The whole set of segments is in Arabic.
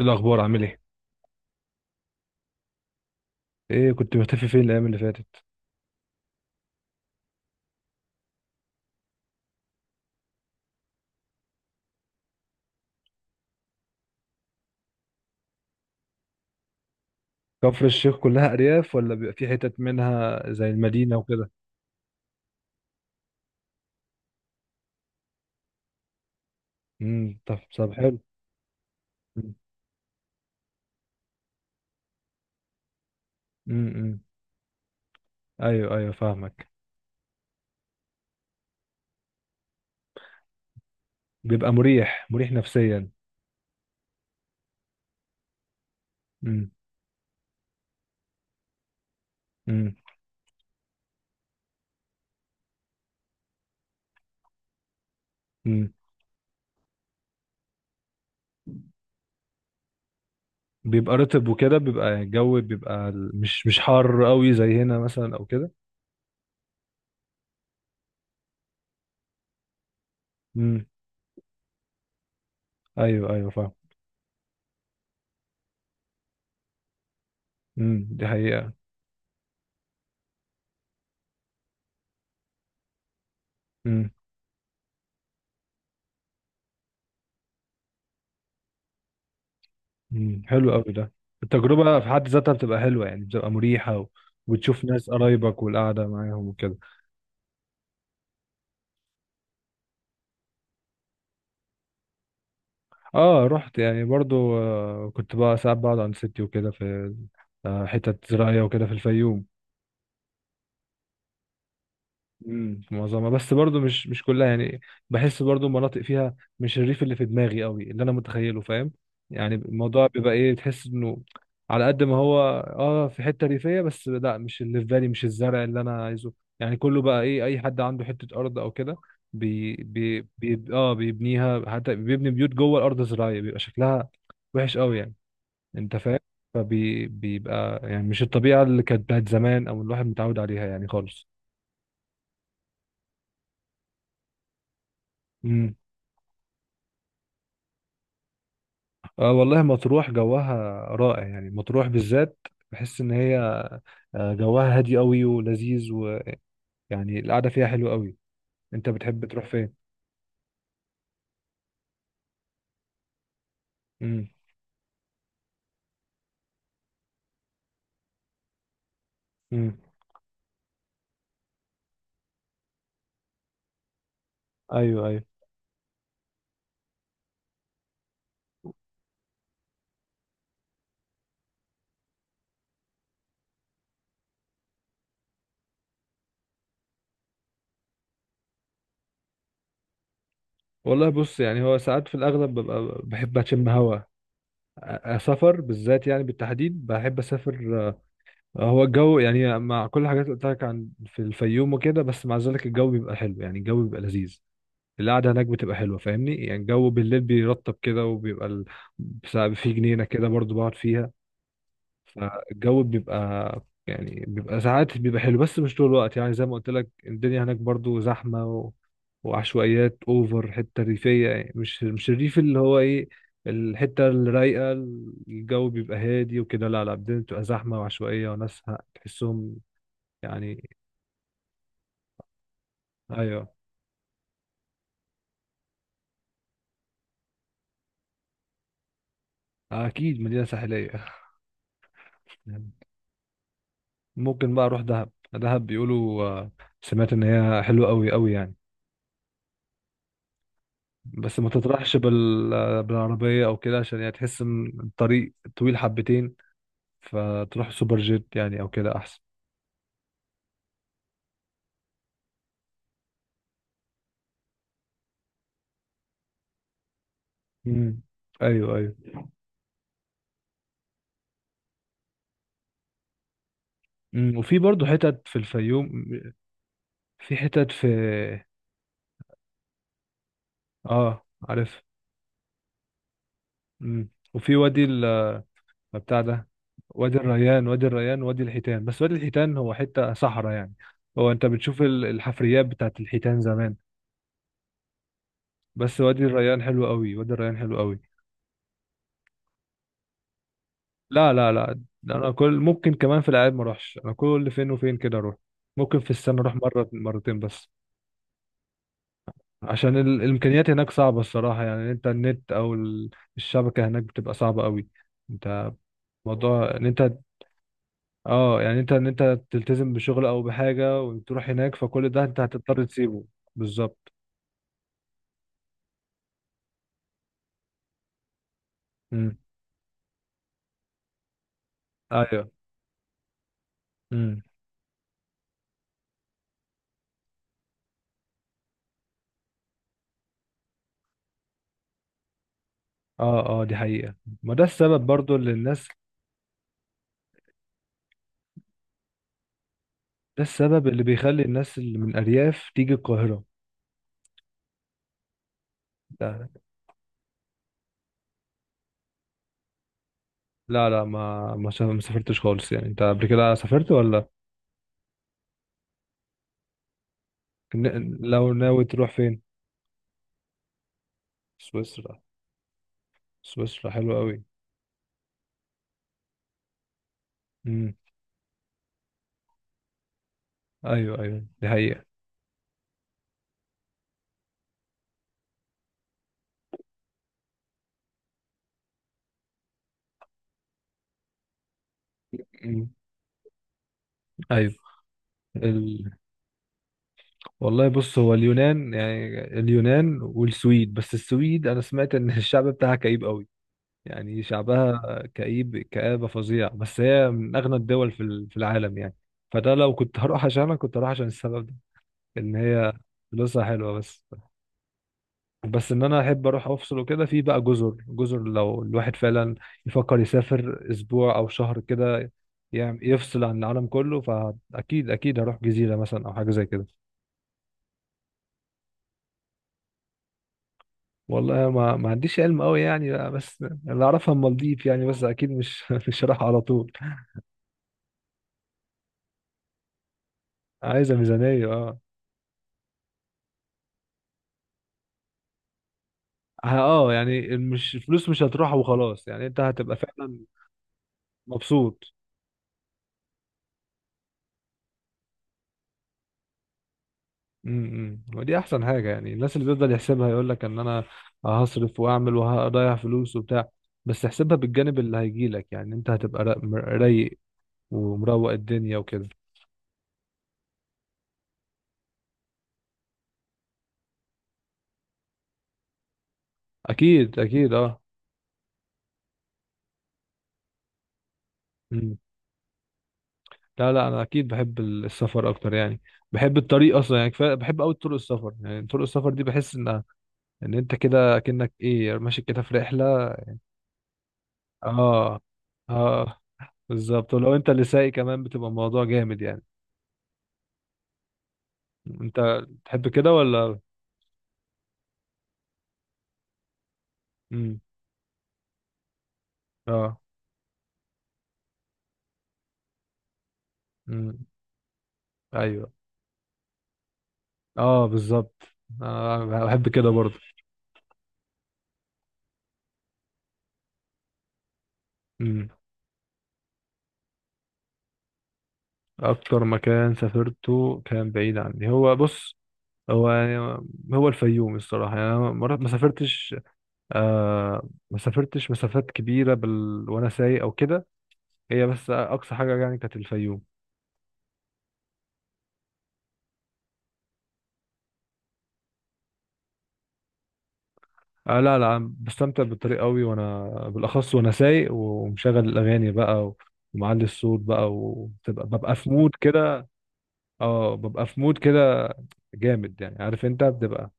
إيه الأخبار عامل إيه؟ إيه كنت مختفي فين الأيام اللي فاتت؟ كفر الشيخ كلها أرياف ولا بيبقى في حتت منها زي المدينة وكده؟ امم. طب حلو. امم امم. أيوه، أيوه، فاهمك. بيبقى مريح مريح نفسيا. امم امم امم. بيبقى رطب وكده، بيبقى الجو، بيبقى مش حار قوي زي هنا مثلا أو كده. امم. أيوه، أيوه، فاهم. امم، دي حقيقة. امم، امم، حلو قوي ده. التجربة في حد ذاتها بتبقى حلوة، يعني بتبقى مريحة. وتشوف ناس قرايبك والقعدة معاهم وكده. اه رحت يعني برضو، كنت بقى ساعات بقعد عند ستي وكده في حتت زراعية وكده في الفيوم. امم، في معظمها، بس برضو مش كلها يعني. بحس برضو مناطق فيها مش الريف اللي في دماغي قوي، اللي انا متخيله، فاهم؟ يعني الموضوع بيبقى ايه، تحس انه على قد ما هو اه في حتة ريفية، بس لا مش اللي في بالي، مش الزرع اللي انا عايزه. يعني كله بقى ايه، اي حد عنده حتة ارض او كده بي بي بي اه بيبنيها، حتى بيبني بيوت جوه الارض الزراعية، بيبقى شكلها وحش قوي يعني. انت فاهم؟ فبيبقى يعني مش الطبيعه اللي كانت بتاعت زمان، او الواحد متعود عليها يعني خالص. امم. اه والله مطروح جوها رائع يعني، مطروح بالذات. بحس ان هي جوها هادي قوي ولذيذ، ويعني القعده فيها حلوه قوي. انت بتحب تروح فين؟ امم. امم. ايوه، ايوه. والله بص، يعني هو ساعات في الاغلب ببقى بحب اشم هوا. سفر بالذات يعني، بالتحديد بحب اسافر. هو الجو يعني مع كل الحاجات اللي قلت لك عن في الفيوم وكده، بس مع ذلك الجو بيبقى حلو يعني، الجو بيبقى لذيذ. القعدة هناك بتبقى حلوة، فاهمني؟ يعني الجو بالليل بيرطب كده وبيبقى. في جنينة كده برضو بقعد فيها. فالجو بيبقى، يعني بيبقى ساعات بيبقى حلو بس مش طول الوقت، يعني زي ما قلت لك الدنيا هناك برضو زحمة. وعشوائيات اوفر، حتة ريفية يعني، مش مش الريف اللي هو ايه الحتة الرايقة، الجو بيبقى هادي وكده. لا لا، الدنيا بتبقى زحمة وعشوائية، وناس تحسهم يعني. ايوه، اكيد مدينة ساحلية. ممكن بقى اروح دهب، دهب بيقولوا سمعت ان هي حلوة قوي قوي يعني. بس ما تطرحش بالعربية او كده، عشان يعني تحس ان الطريق طويل حبتين، فتروح سوبر جيت يعني او كده احسن. امم. ايوه، ايوه. أمم، وفي برضه حتت في الفيوم، في حتت في. اه عارف. أمم، وفي وادي ال... آه، بتاع ده، وادي الريان، وادي الريان، وادي الحيتان. بس وادي الحيتان هو حتة صحراء يعني، هو انت بتشوف الحفريات بتاعت الحيتان زمان. بس وادي الريان حلو قوي، وادي الريان حلو قوي. لا، لا، لا، ده انا كل ممكن كمان في الاعياد ما اروحش، انا كل فين وفين كده اروح، ممكن في السنه اروح مره مرتين بس. عشان الامكانيات هناك صعبه الصراحه، يعني انت النت. الشبكه هناك بتبقى صعبه قوي. انت موضوع ان انت اه يعني انت انت تلتزم بشغل او بحاجه وتروح هناك، فكل ده انت هتضطر تسيبه. بالظبط. امم. ايوه. امم. اه، اه، دي حقيقه، ما ده السبب برضو اللي الناس، ده السبب اللي بيخلي الناس اللي من ارياف تيجي القاهره. لا، لا، ما سافرتش خالص يعني. انت قبل كده سافرت ولا؟ لو ناوي تروح فين؟ سويسرا. سويسرا حلوة قوي. امم. ايوه، ايوه، دي حقيقة. امم. ايوه. ال... والله بص، هو اليونان، يعني اليونان والسويد، بس السويد انا سمعت ان الشعب بتاعها كئيب قوي، يعني شعبها كئيب كآبة فظيعة. بس هي من اغنى الدول في العالم يعني، فده لو كنت هروح عشانها كنت هروح عشان السبب ده، ان هي فلوسها حلوة بس. بس ان انا احب اروح افصل وكده، في بقى جزر، جزر لو الواحد فعلا يفكر يسافر اسبوع او شهر كده، يعني يفصل عن العالم كله، فاكيد اكيد هروح جزيره مثلا او حاجه زي كده. والله ما عنديش علم قوي يعني، لا، بس اللي اعرفها المالديف يعني، بس اكيد مش مش رايح على طول. عايزه ميزانيه اه. اه يعني مش فلوس، مش هتروح وخلاص يعني، انت هتبقى فعلا مبسوط. امم، ودي احسن حاجه يعني، الناس اللي بيفضل يحسبها يقول لك ان انا هصرف واعمل وهضيع فلوس وبتاع، بس احسبها بالجانب اللي هيجي لك، يعني انت هتبقى رايق ومروق الدنيا وكده. اكيد، اكيد اه. امم. لا، لا، انا اكيد بحب السفر اكتر يعني. بحب الطريق اصلا، يعني كفايه بحب قوي طرق السفر، يعني طرق السفر دي بحس ان، ان انت كده اكنك ايه ماشي كده في رحله. اه، اه بالظبط، ولو انت اللي سايق كمان بتبقى الموضوع جامد يعني. انت تحب كده ولا؟ امم. اه. امم. ايوه. اه بالظبط. انا بحب كده برضه. امم. اكتر مكان سافرته كان بعيد عني هو، بص هو يعني، هو الفيوم الصراحه يعني، انا مرات ما سافرتش، ما سافرتش مسافات كبيره وانا سايق او كده، هي بس اقصى حاجه يعني كانت الفيوم. آه، لا، لا، أنا بستمتع بالطريق قوي، وانا بالاخص وانا سايق ومشغل الاغاني بقى. ومعلي الصوت بقى، وببقى في مود كده. اه، ببقى في مود كده جامد يعني، عارف انت بتبقى.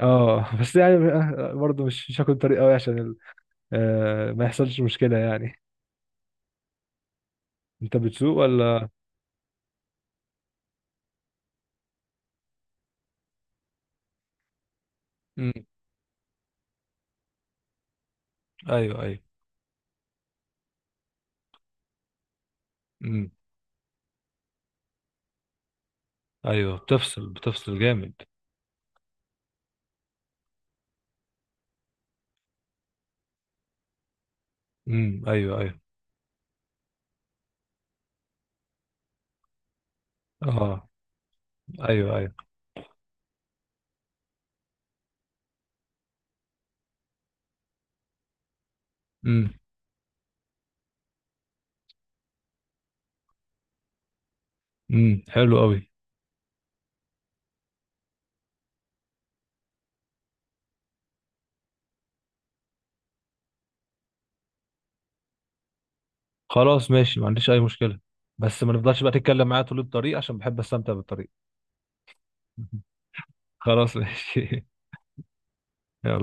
اه. بس يعني برضه مش هاكل طريق قوي عشان. ما يحصلش مشكلة يعني. انت بتسوق ولا؟ امم. ايوه، ايوه. امم. ايوه بتفصل بتفصل جامد. امم، ايوه، ايوه. اه، ايوه، ايوه. امم، امم، حلو قوي. خلاص ماشي، ما عنديش اي مشكله. بس ما نفضلش بقى تتكلم معايا طول الطريق عشان بحب استمتع بالطريق. خلاص ماشي يلا.